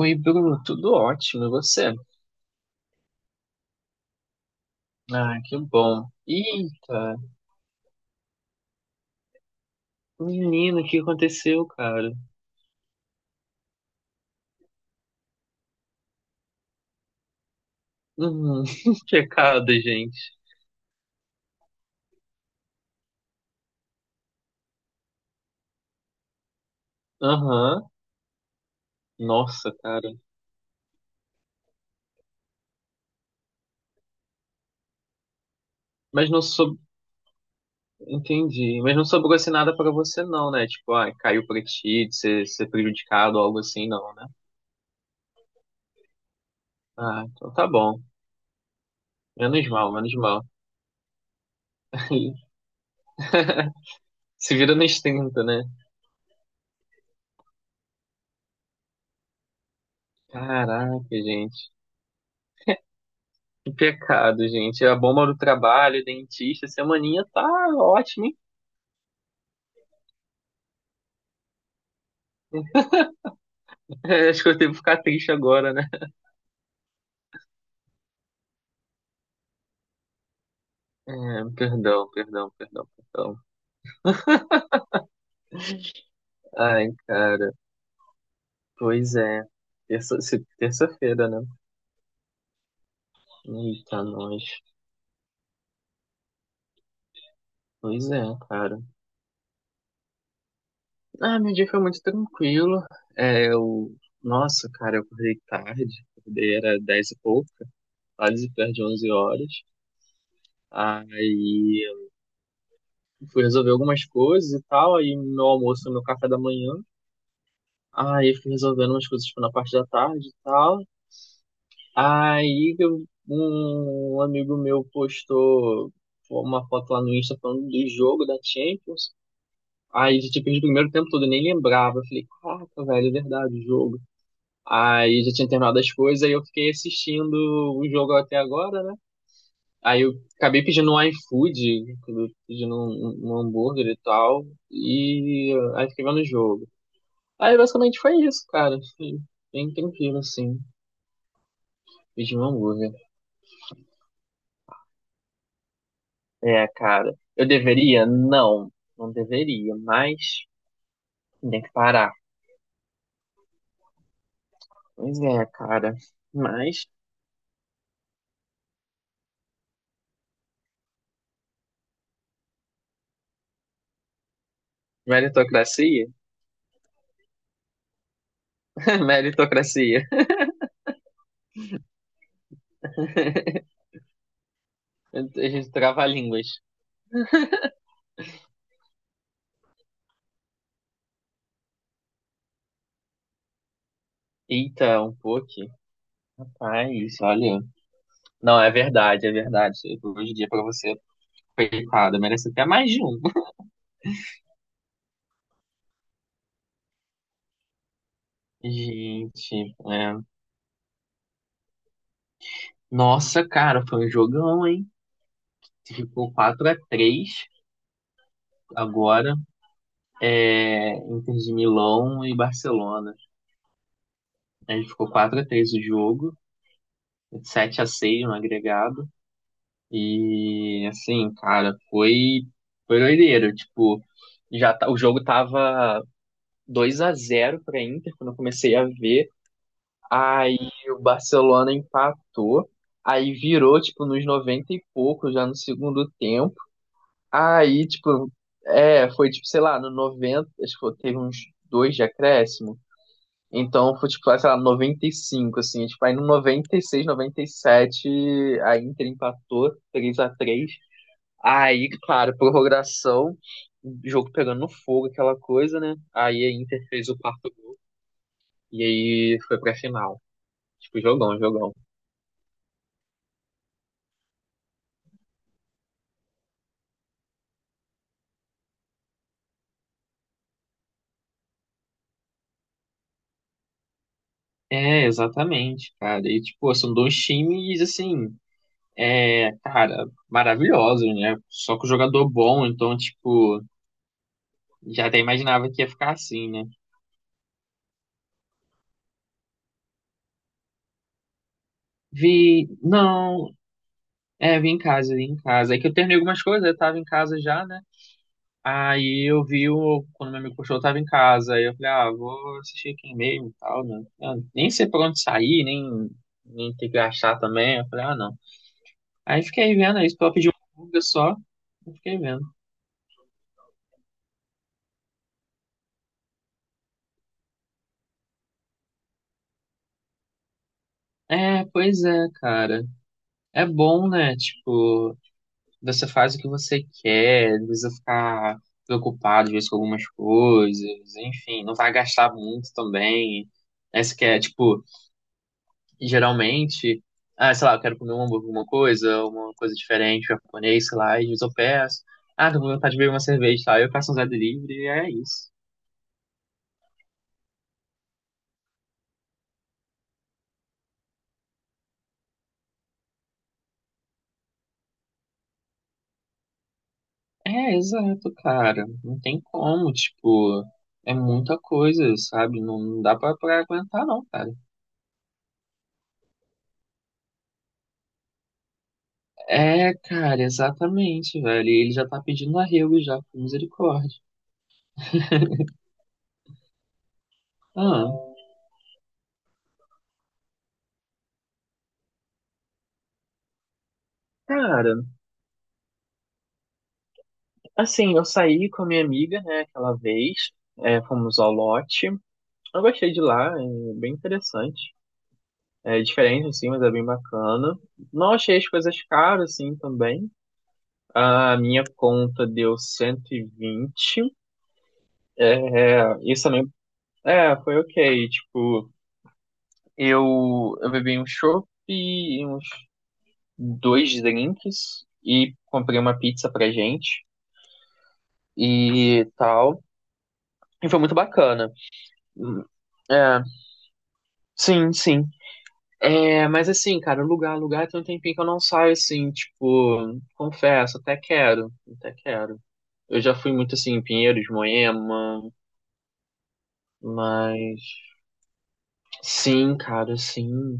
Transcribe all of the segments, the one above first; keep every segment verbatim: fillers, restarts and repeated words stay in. Oi, Bruno, tudo ótimo, e você? Ah, que bom. Eita, menino, o que aconteceu, cara? Hum, Pecado, gente. Aham. Nossa, cara. Mas não sob... Entendi. Mas não sobrou assim nada pra você, não, né? Tipo, ah, caiu pra ti, de ser, ser prejudicado, algo assim, não, né? Ah, então tá bom. Menos mal, menos mal. Se vira nos trinta, né? Caraca, gente. Que pecado, gente. É a bomba do trabalho, dentista, semaninha tá ótima. É, acho que eu devo ficar triste agora, né? É, perdão, perdão, perdão, perdão. Ai, cara, pois é. Terça, se- Terça-feira, né? Eita, nós. Pois é, cara. Ah, meu dia foi muito tranquilo. É, eu... Nossa, cara, eu acordei tarde. Acordei era dez e pouco, quase perto de 11 horas. Aí eu fui resolver algumas coisas e tal. Aí meu almoço, meu café da manhã. Aí fui resolvendo umas coisas, tipo, na parte da tarde e tal. Aí eu- um um amigo meu postou uma foto lá no Insta falando do jogo da Champions. Aí já tinha perdido o primeiro tempo todo, eu nem lembrava. Eu falei, caraca, velho, é verdade, o jogo. Aí já tinha terminado as coisas, aí eu fiquei assistindo o jogo até agora, né? Aí eu acabei pedindo um iFood, pedindo um, um um hambúrguer e tal, e aí fiquei vendo o jogo. Aí basicamente foi isso, cara. Foi bem tranquilo, assim. Pedi um hambúrguer. É, cara. Eu deveria? Não, não deveria, mas tem que parar. Pois é, cara. Mas, meritocracia? Meritocracia. A gente trava línguas. Eita, um pouco. Mas, olha. Não, é verdade, é verdade. Hoje em dia, pra você, coitado, merece até mais de um. Gente, é. Nossa, cara, foi um jogão, hein? Ficou quatro a três agora. É, Inter de Milão e Barcelona. A gente ficou quatro a três o jogo, sete a seis no agregado. E assim, cara, foi foi doideiro, tipo, já tá- o jogo tava dois a zero pra Inter quando eu comecei a ver. Aí o Barcelona empatou, aí virou tipo nos noventa e pouco já no segundo tempo. Aí, tipo, é, foi tipo, sei lá, no noventa acho que teve uns dois de acréscimo. Então foi tipo, sei lá, noventa e cinco assim. Tipo, aí no noventa noventa e seis noventa e sete a Inter empatou três a três. Aí, claro, prorrogação, o jogo pegando no fogo, aquela coisa, né? Aí a Inter fez o quarto gol. E aí foi pra final. Tipo, jogão, jogão. É, exatamente, cara. E, tipo, são dois times, assim, é, cara, maravilhosos, né? Só que o jogador bom, então, tipo, já até imaginava que ia ficar assim, né? Vi, não, é, eu vim em casa, vim em casa. É que eu terminei algumas coisas, eu tava em casa já, né? Aí eu vi o, quando meu amigo postou, eu tava em casa. Aí eu falei, ah, vou assistir aqui mesmo e tal, né? Eu nem sei pra onde sair, nem, nem ter que achar também. Eu falei, ah, não. Aí fiquei vendo isso, pra pedi uma música só. Eu fiquei vendo. É, pois é, cara. É bom, né? Tipo, você faz o que você quer, não precisa ficar preocupado, às vezes, com algumas coisas. Enfim, não vai gastar muito também. Essa que é, tipo. Geralmente, ah, sei lá, eu quero comer um hambúrguer, alguma coisa, uma coisa diferente, japonês, sei lá, e às vezes eu peço. Ah, tô com vontade de beber uma cerveja, tá? Eu peço um Zé Delivery e é isso. É, exato, cara. Não tem como, tipo, é muita coisa, sabe? Não, não dá pra, pra aguentar, não, cara. É, cara, exatamente, velho. E ele já tá pedindo arrego já, por misericórdia. Ah, cara, assim, eu saí com a minha amiga, né, aquela vez, é, fomos ao lote. Eu gostei de lá, é bem interessante. É diferente, assim, mas é bem bacana. Não achei as coisas caras, assim, também. A minha conta deu cento e vinte. É, é, isso também, é, foi ok. Tipo, eu, eu bebi um chopp e uns dois drinks e comprei uma pizza pra gente e tal. E foi muito bacana. Hum. É, sim, sim. É, mas assim, cara, lugar, lugar tem um tempinho que eu não saio assim, tipo, confesso, até quero, até quero. Eu já fui muito assim em Pinheiros, Moema, mas sim, cara, sim.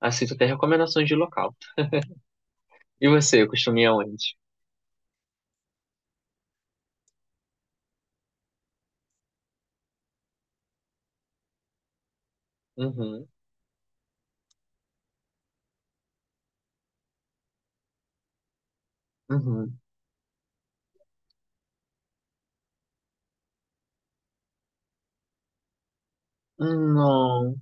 Aceito até recomendações de local. E você, costuma ir aonde? Uhum, uhum. Não,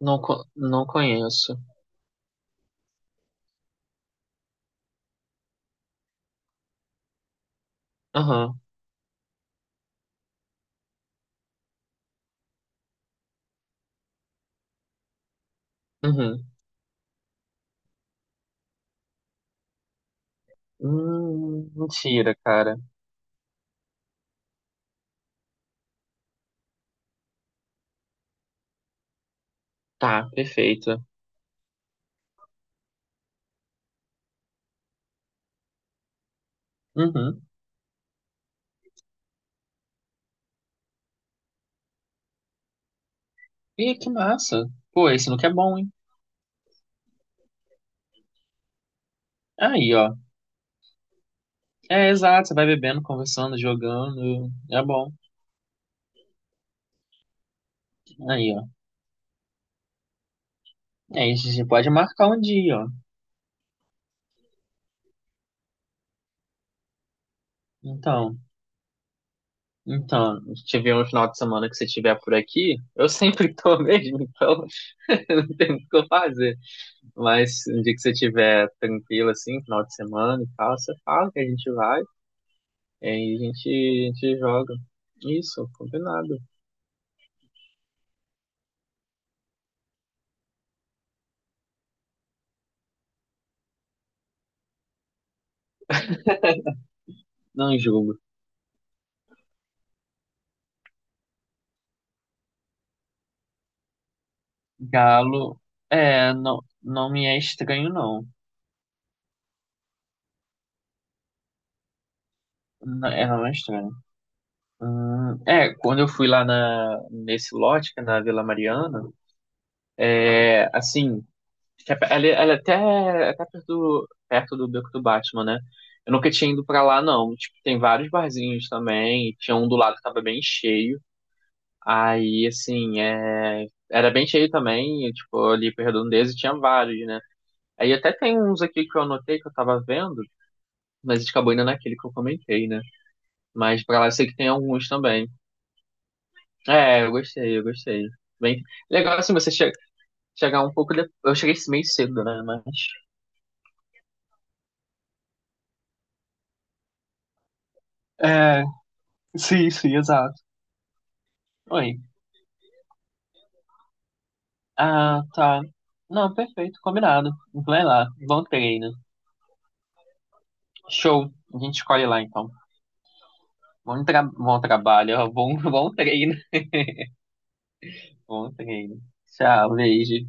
não, co- não conheço. Aham, uhum. Hum, mentira, cara. Tá, perfeito. Uhum. Ih, que massa. Pô, esse look é bom, hein? Aí, ó. É, exato, você vai bebendo, conversando, jogando, é bom. Aí, ó. Aí a gente pode marcar um dia, ó. Então, então, se tiver um final de semana que você estiver por aqui, eu sempre tô mesmo, então não tem muito o que eu fazer. Mas um dia que você estiver tranquilo, assim, final de semana e tal, você fala que a gente vai, e aí a gente, a gente joga. Isso, combinado. Não julgo. Galo, é, não, não me é estranho, não. Não, é, não é estranho. Hum, é, quando eu fui lá na, nesse lote, que é na Vila Mariana, é, assim, que é pe- ela, ela é até, até, perto do, perto do Beco do Batman, né? Eu nunca tinha ido pra lá, não. Tipo, tem vários barzinhos também, tinha um do lado que tava bem cheio. Aí, assim, é, era bem cheio também, e, tipo, ali pra Redondeza tinha vários, né? Aí até tem uns aqui que eu anotei, que eu tava vendo, mas a gente acabou indo naquele que eu comentei, né? Mas pra lá eu sei que tem alguns também. É, eu gostei, eu gostei. Bem, legal assim você che chegar um pouco depois. Eu cheguei meio cedo, né? Mas. É, sim, sim, exato. Oi. Ah, tá. Não, perfeito, combinado. Vai lá, bom treino. Show. A gente escolhe lá então. Bom, tra bom trabalho, ó, bom, bom treino. Bom treino. Tchau, beijo.